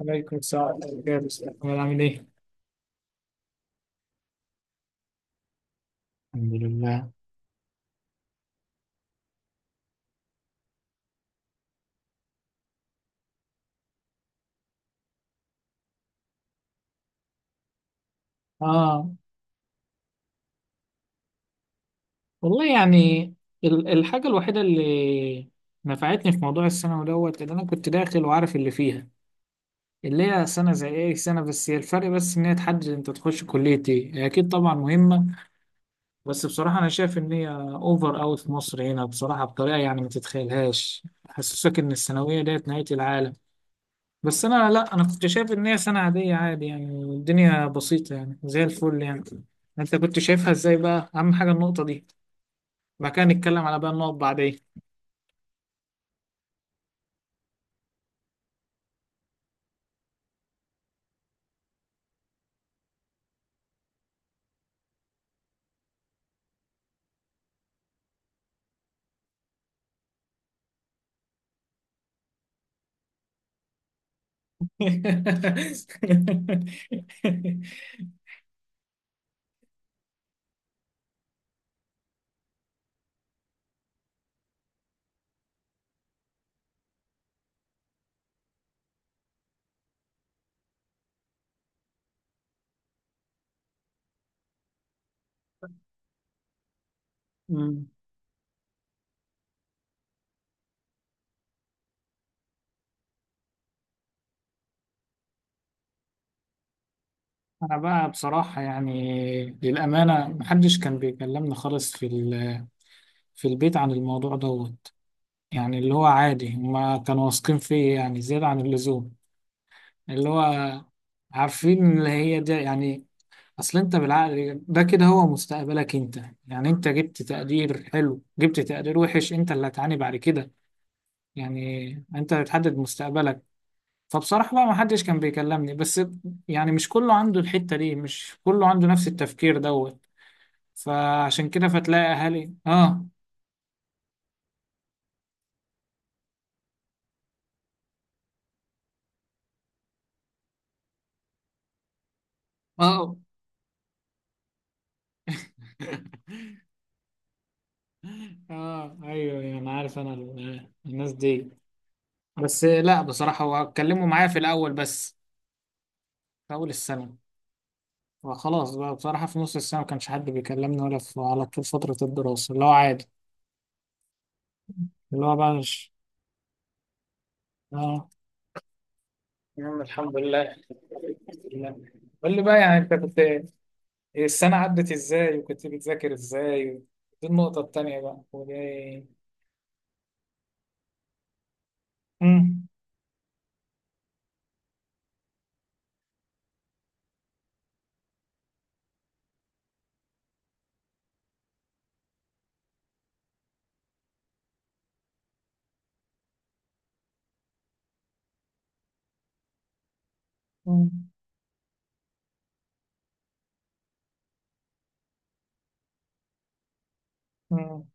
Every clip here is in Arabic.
عليكم السلام ورحمة الله وبركاته. أحمد عامل إيه؟ الحمد لله. آه، والله يعني الحاجة الوحيدة اللي نفعتني في موضوع الثانوي دوت إن أنا كنت داخل وعارف اللي فيها، اللي هي سنة زي أي سنة. بس هي الفرق بس إن هي تحدد أنت تخش كلية إيه. هي أكيد طبعا مهمة، بس بصراحة أنا شايف إن هي أوفر أوي في مصر هنا بصراحة بطريقة يعني ما تتخيلهاش. حسسك إن الثانوية ديت نهاية العالم. بس انا، لا، انا كنت شايف ان هي سنة عادية عادي يعني الدنيا بسيطة يعني زي الفل يعني. انت كنت شايفها ازاي بقى؟ اهم حاجة النقطة دي، بعد كده نتكلم على بقى النقط بعدين. أمم. انا بقى بصراحة يعني للأمانة محدش كان بيكلمنا خالص في في البيت عن الموضوع دوت. يعني اللي هو عادي هما كانوا واثقين فيا يعني زيادة عن اللزوم، اللي هو عارفين اللي هي دي يعني. اصل انت بالعقل ده كده هو مستقبلك انت. يعني انت جبت تقدير حلو جبت تقدير وحش انت اللي هتعاني بعد كده. يعني انت اللي بتحدد مستقبلك، فبصراحة بقى ما حدش كان بيكلمني. بس يعني مش كله عنده الحتة دي، مش كله عنده نفس التفكير دوت، فعشان كده فتلاقي اهالي. اه، اه. اه، ايوه، ايوه، انا عارف انا الناس دي. بس لا، بصراحة هو اتكلموا معايا في الاول بس في اول السنة، فخلاص بقى بصراحة في نص السنة ما كانش حد بيكلمني ولا في على طول فترة الدراسة اللي هو عادي. اللي هو بقى مش... اه، الحمد لله. الحمد لله. قول لي بقى يعني انت كنت السنة عدت ازاي وكنت بتذاكر ازاي؟ دي النقطة التانية بقى ودي. مم. مم. مم.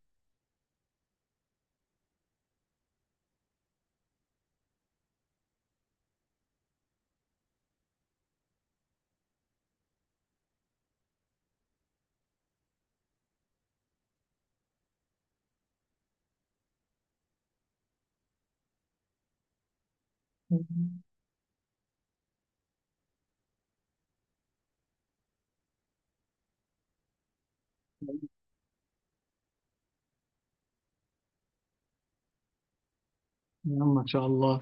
يلا ان شاء الله.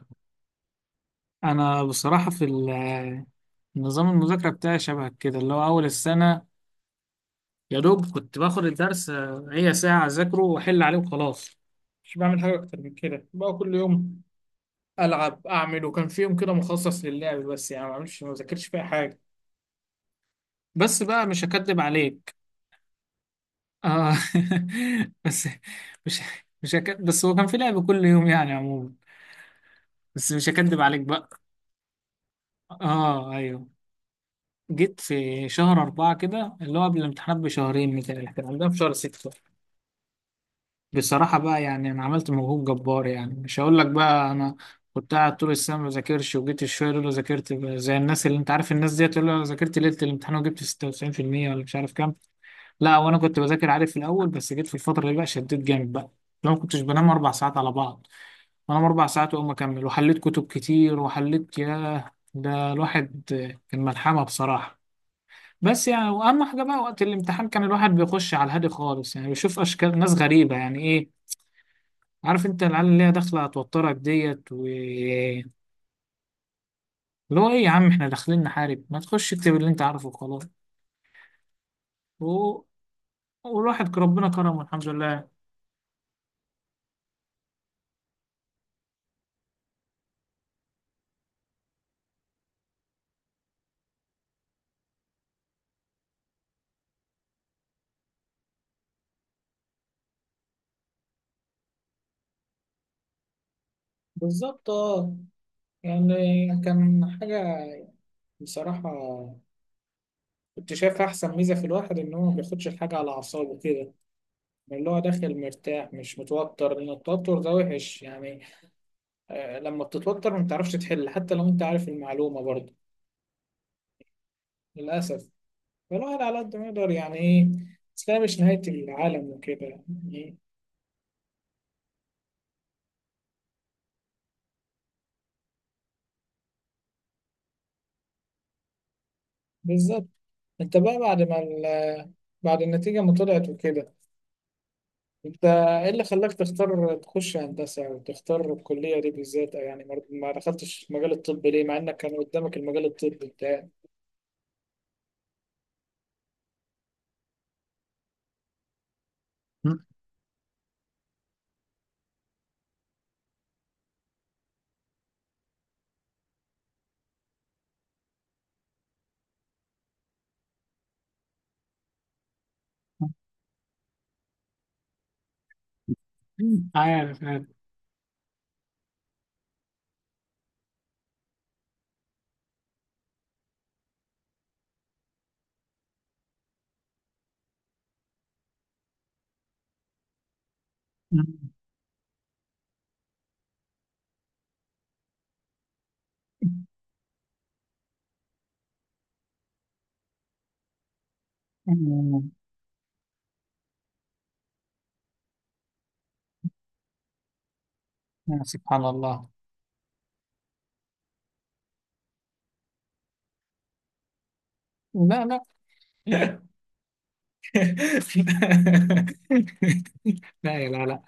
انا بصراحة في نظام المذاكرة بتاعي شبه كده. اللي هو اول السنة يا دوب كنت باخد الدرس، هي ساعة أذاكره وأحل عليه وخلاص. مش بعمل حاجة أكتر من كده بقى كل يوم ألعب أعمل، وكان في يوم كده مخصص للعب بس يعني ما بعملش ما بذاكرش فيها حاجة. بس بقى مش هكدب عليك. آه. بس مش هكدب، بس هو كان في لعب كل يوم يعني عموما. بس مش هكدب عليك بقى. آه، أيوه. جيت في شهر أربعة كده، اللي هو قبل الامتحانات بشهرين، مثلا كان عندنا في شهر ستة. بصراحة بقى يعني أنا عملت مجهود جبار. يعني مش هقول لك بقى أنا كنت قاعد طول السنة ما بذاكرش وجيت الشوية دول ذاكرت زي الناس اللي أنت عارف الناس ديت اللي أنا ذاكرت ليلة الامتحان وجبت 96% ولا مش عارف كام. لا، وأنا كنت بذاكر عادي في الأول بس جيت في الفترة اللي بقى شديت جامد بقى. لو ما كنتش بنام أربع ساعات على بعض، بنام أربع ساعات وأقوم أكمل، وحليت كتب كتير وحليت، ياه ده الواحد كان ملحمة بصراحة. بس يعني واهم حاجه بقى وقت الامتحان كان الواحد بيخش على الهادي خالص. يعني بيشوف اشكال ناس غريبه يعني إيه، عارف انت العيال اللي هي داخله هتوترك ديت و اللي هو ايه. يا عم احنا داخلين نحارب؟ ما تخش اكتب اللي انت عارفه وخلاص. و... والواحد ربنا كرمه الحمد لله. بالظبط، اه. يعني كان حاجة بصراحة كنت شايف أحسن ميزة في الواحد إن هو ما بياخدش الحاجة على أعصابه كده. اللي هو داخل مرتاح مش متوتر، لأن التوتر ده وحش يعني. آه، لما بتتوتر ما بتعرفش تحل حتى لو أنت عارف المعلومة برضه، للأسف. الواحد على قد ما يقدر يعني ايه، بس هي مش نهاية العالم وكده يعني. بالظبط. انت بقى بعد ما بعد النتيجة ما طلعت وكده، انت ايه اللي خلاك تختار تخش هندسة او تختار الكلية دي بالذات؟ او يعني ما دخلتش مجال الطب ليه مع انك كان قدامك المجال الطبي بتاعك؟ عارف عارف. سبحان الله. لا لا. لا يا، لا لا.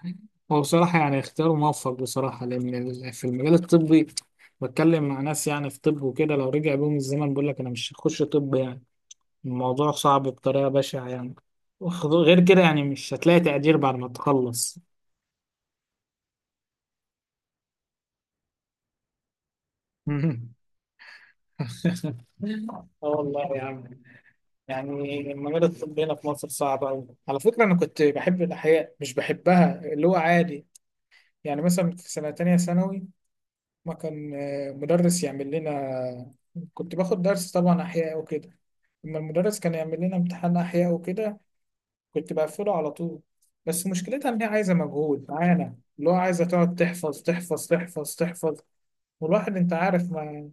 هو بصراحة يعني اختيار موفق بصراحة، لأن في المجال الطبي بتكلم مع ناس يعني في طب وكده لو رجع بيهم الزمن بيقول لك أنا مش هخش طب يعني. الموضوع صعب بطريقة بشعة يعني. غير كده يعني مش هتلاقي تقدير بعد ما تخلص. مم. اه والله يا عم. يعني المجال الطبي هنا في مصر صعب أوي. على فكرة أنا كنت بحب الأحياء مش بحبها اللي هو عادي. يعني مثلا في سنة تانية ثانوي ما كان مدرس يعمل لنا. كنت باخد درس طبعا أحياء وكده، لما المدرس كان يعمل لنا امتحان أحياء وكده كنت بقفله على طول. بس مشكلتها إن هي عايزة مجهود معانا اللي هو عايزة تقعد تحفظ تحفظ تحفظ تحفظ. والواحد أنت عارف ما...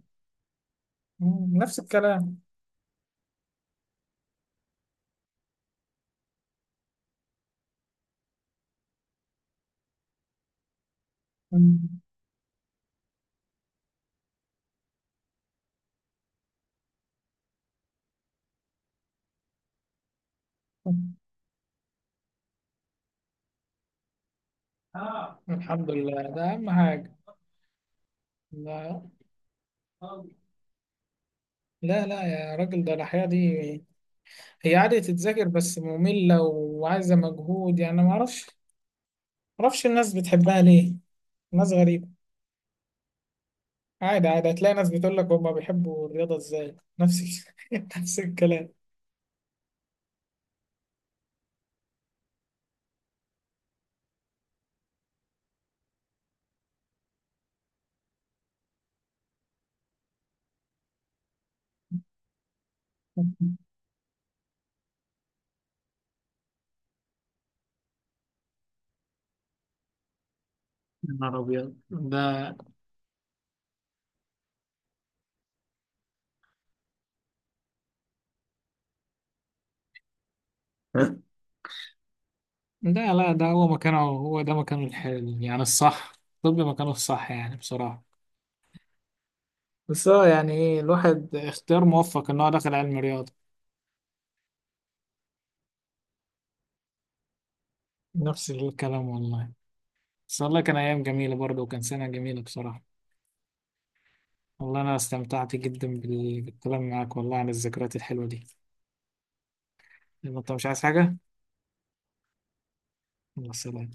نفس الكلام. مم. آه. الحمد لله ده أهم حاجة. لا، لا لا يا راجل، ده الأحياء دي هي عادة تتذاكر بس مملة وعايزة مجهود. يعني ما أعرفش، معرفش الناس بتحبها ليه، ناس غريبة. عادي، عادي هتلاقي ناس بتقول لك هما بيحبوا الرياضة ازاي. نفس نفس الكلام. يا نهار أبيض ده. لا لا، ده هو مكانه، هو ده مكانه الحلو يعني الصح. طب مكانه الصح يعني بصراحة. بس هو يعني إيه، الواحد اختيار موفق إن هو دخل علم رياضة. نفس الكلام والله. بس والله كان أيام جميلة برضه وكان سنة جميلة بصراحة. والله أنا استمتعت جدا بالكلام معاك والله عن الذكريات الحلوة دي. يلا، أنت مش عايز حاجة؟ يلا سلام.